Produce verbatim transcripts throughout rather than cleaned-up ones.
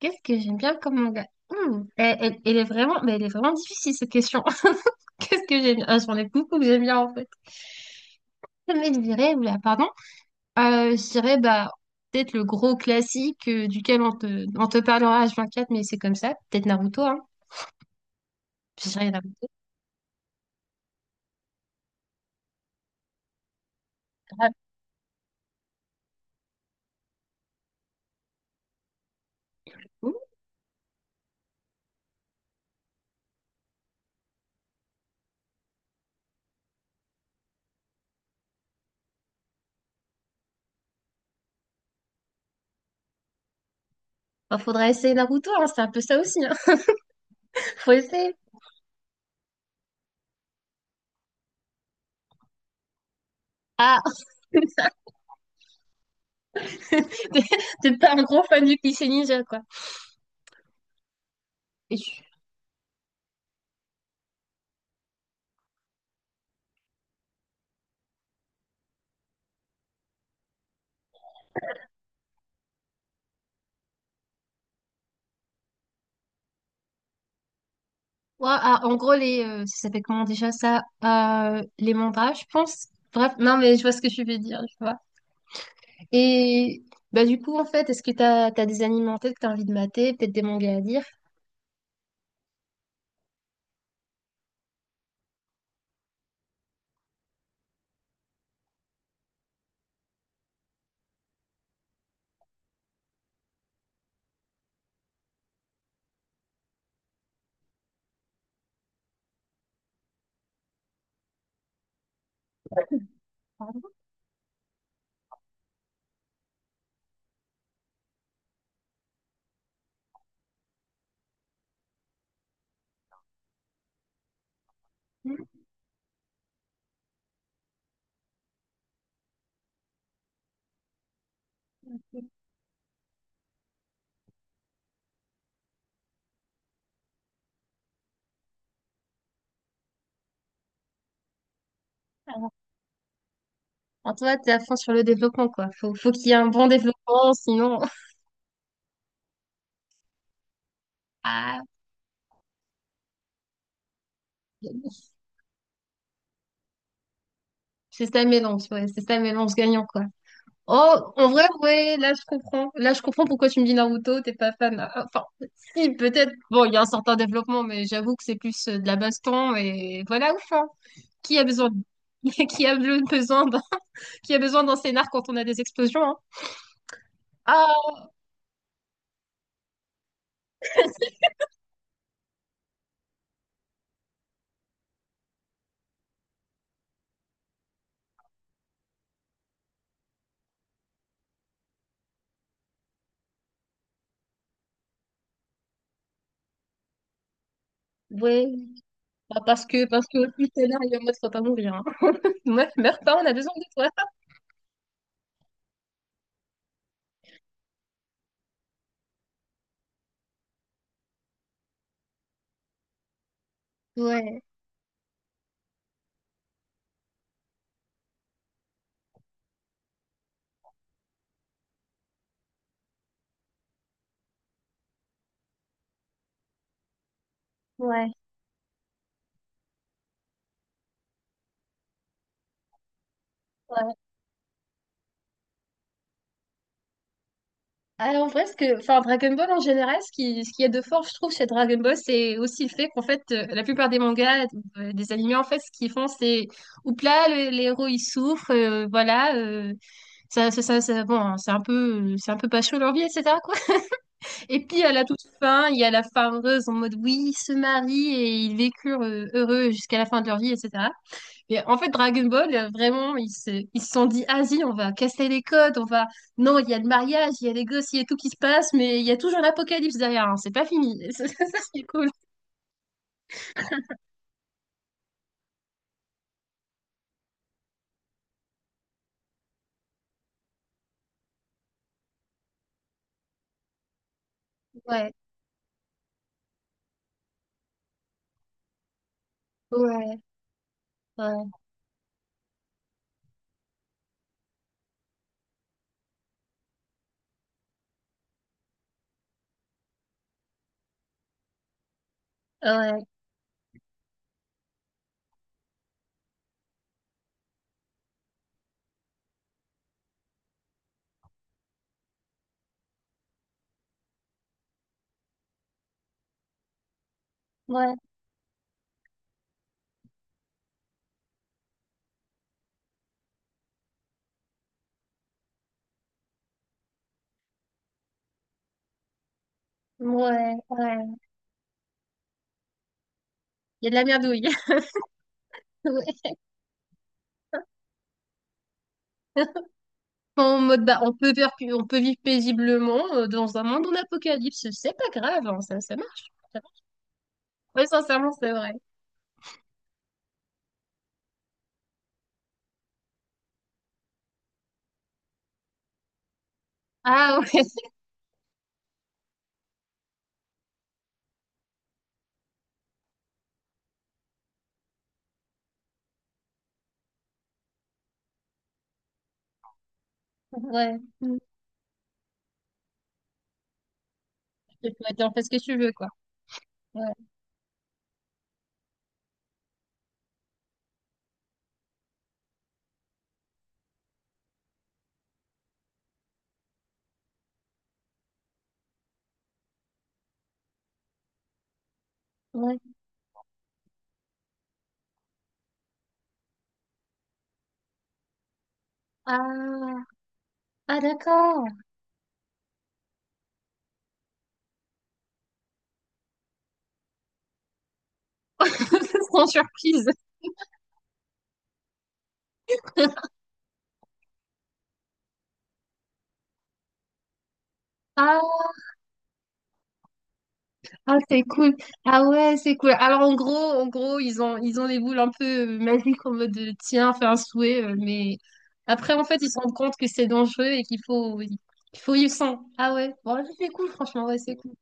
Qu'est-ce que j'aime bien comme manga? Hmm, Elle, elle- elle est vraiment, mais elle est vraiment difficile cette question. Qu'est-ce que j'aime bien? Ah, j'en ai beaucoup que j'aime bien en fait. Mais je dirais, oula, pardon, Euh, je dirais bah peut-être le gros classique euh, duquel on te, on te parlera h vingt-quatre, mais c'est comme ça. Peut-être Naruto, hein. Je dirais Naruto. Grave. Ouh, bah, faudra essayer Naruto, hein, c'est un peu ça aussi, hein. Faut essayer. Ah, t'es t'es pas un gros fan du cliché ninja, quoi. Et ouais, ah, en gros, les, euh, ça s'appelle comment déjà ça? Euh, les mandats, je pense. Bref, non, mais je vois ce que tu veux dire, je vois. Et bah, du coup, en fait, est-ce que t'as, t'as des animés en tête que t'as envie de mater, peut-être des mangas à lire? Pardon. Hmm, c'est ça. En toi, t'es à fond sur le développement, quoi. Faut, faut qu'il y ait un bon développement, sinon. Ah, c'est ça le mélange, ouais, c'est ça le mélange gagnant, quoi. Oh, en vrai, ouais, là je comprends. Là je comprends pourquoi tu me dis Naruto, t'es pas fan. Ah, enfin, si, peut-être. Bon, il y a un certain développement, mais j'avoue que c'est plus euh, de la baston et voilà, ouf, hein. Qui a besoin de- Qui a le- besoin d'un... Qui a besoin d'un scénar quand on a des explosions, hein? Ah, ouais. Bah, parce que, parce que si le scénar, il est en mode, faut pas mourir, hein. Ouais, meurs pas, on a besoin de toi. Ouais, ouais, ouais. Alors, en vrai, ce que, enfin, Dragon Ball en général, ce qui, ce qu'il y a de fort, je trouve, chez Dragon Ball, c'est aussi le fait qu'en fait, euh, la plupart des mangas, euh, des animés, en fait, ce qu'ils font, c'est, oups là, le- les héros, ils souffrent, euh, voilà, euh, ça, ça, ça, ça- bon, hein, c'est un peu, c'est un peu pas chaud leur vie, et cetera, quoi. Et puis, à la toute fin, il y a la fin heureuse en mode, oui, ils se marient et ils vécurent euh, heureux jusqu'à la fin de leur vie, et cetera. Mais en fait, Dragon Ball, euh, vraiment, ils se, ils se sont dit, ah si, on va casser les codes, on va... Non, il y a le mariage, il y a les gosses, il y a tout qui se passe, mais il y a toujours l'apocalypse derrière, hein, c'est pas fini. Ça, c'est cool. Ouais, ouais, ouais, ouais, ouais, ouais, ouais. Il y a de la merdouille. Ouais. En mode, bah, on peut vivre, on peut vivre paisiblement euh, dans un monde en apocalypse, c'est pas grave, hein, ça, ça marche. Ouais, sincèrement, c'est vrai. Ah ouais, ouais. Mm. Tu peux être en faire ce que tu veux, quoi. Ouais, ouais. Ah, ah d'accord. Sans surprise. Ah, ah, c'est cool. Ah ouais, c'est cool. Alors en gros, en gros, ils ont ils ont les boules un peu euh, magiques en mode de, tiens, fais un souhait, euh, mais après en fait ils se rendent compte que c'est dangereux et qu'il faut il faut y sans. Ah ouais, bon ça, c'est cool franchement, ouais c'est cool.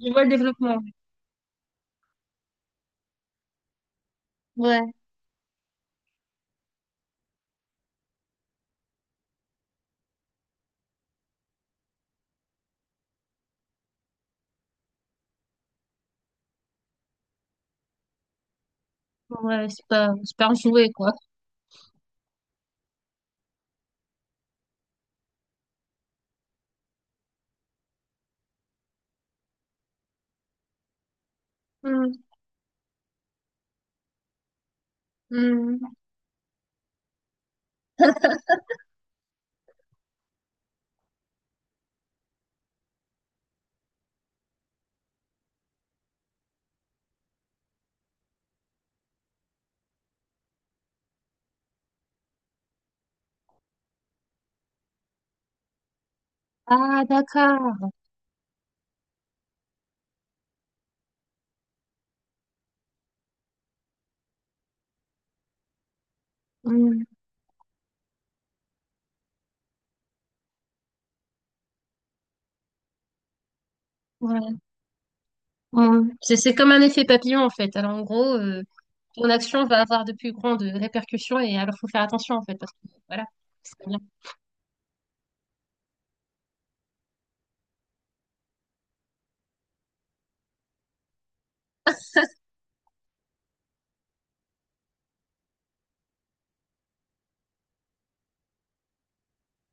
Je vois le développement. Ouais, ouais, c'est pas c'est pas un jouet quoi. Hum, hum. Ah d'accord. Hum, ouais. Mm. C'est c'est comme un effet papillon en fait. Alors en gros, euh, ton action va avoir de plus grandes répercussions et alors faut faire attention en fait parce que voilà. C'est pas bien.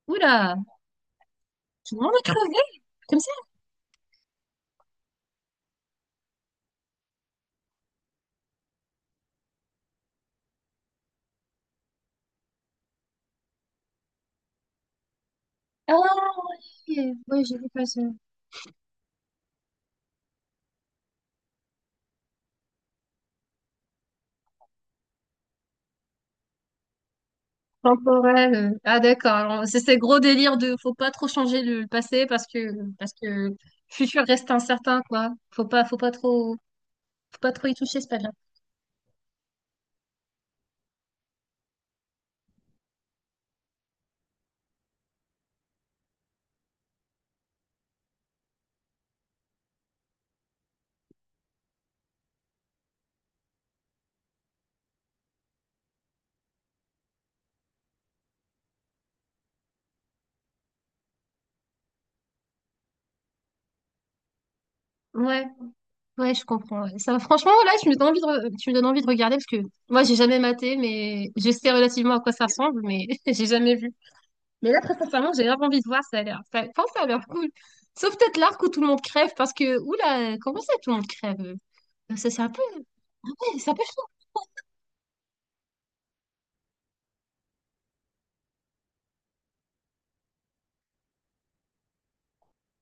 Oula, tout le monde a crevé comme ça? Ah oui, oui, j'ai vu passer. Temporel. Euh. Ah d'accord. Alors, c'est ce gros délire de faut pas trop changer le, le passé parce que parce que le futur reste incertain quoi. Faut pas faut pas trop faut pas trop y toucher, c'est pas bien. Ouais. Ouais, je comprends. Ouais. Ça, franchement, là, tu me donnes envie de, re- tu me donnes envie de regarder parce que moi, j'ai jamais maté, mais je sais relativement à quoi ça ressemble, mais j'ai jamais vu. Mais là, très sincèrement, j'ai grave envie de voir, ça a l'air, ça, enfin, ça a l'air cool. Sauf peut-être l'arc où tout le monde crève parce que, oula, comment ça, tout le monde crève? Euh, ça, c'est un peu, ah ouais, c'est un peu chaud.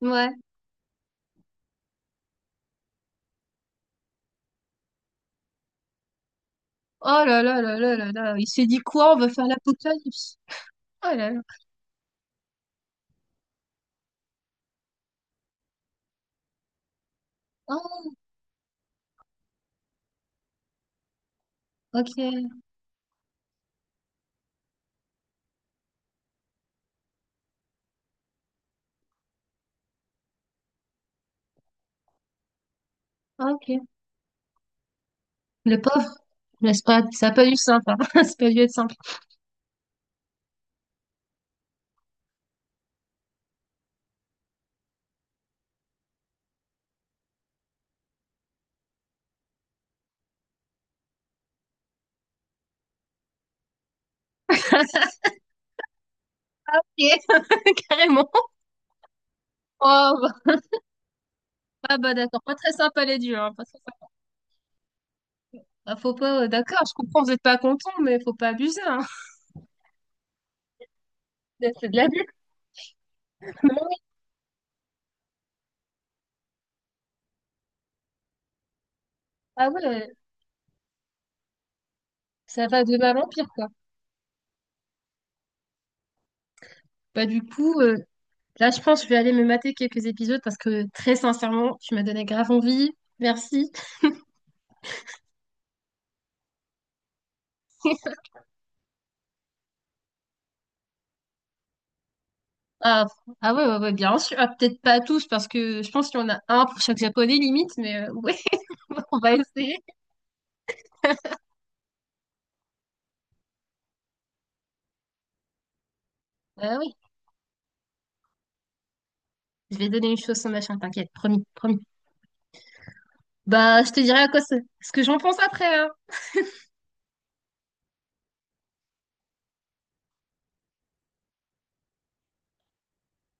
Ouais. Oh là là là là là là, il s'est dit quoi? On va faire l'apocalypse. Oh là là. Oh, ok, ok. Le pauvre, n'est-ce pas? Ça a pas dû être simple, hein. Ça a pas dû être simple. Ok, carrément. Oh, ah bah d'accord, pas très sympa les dieux, hein, pas très sympa. Bah, faut pas, euh, d'accord, je comprends, vous êtes pas content, mais faut pas abuser, hein. C'est c'est de l'abus. Non, oui. Ah ouais, euh, ça va de mal en pire, quoi. Bah du coup, euh, là je pense que je vais aller me mater quelques épisodes parce que très sincèrement, tu m'as donné grave envie. Merci. Ah, ah ouais, ouais, ouais, bien sûr. Ah, peut-être pas tous parce que je pense qu'il y en a un pour chaque japonais limite, mais euh, ouais, on va essayer. Ah oui, je vais donner une chose sans machin, t'inquiète, promis, promis. Bah je te dirai à quoi c'est- ce que j'en pense après, hein.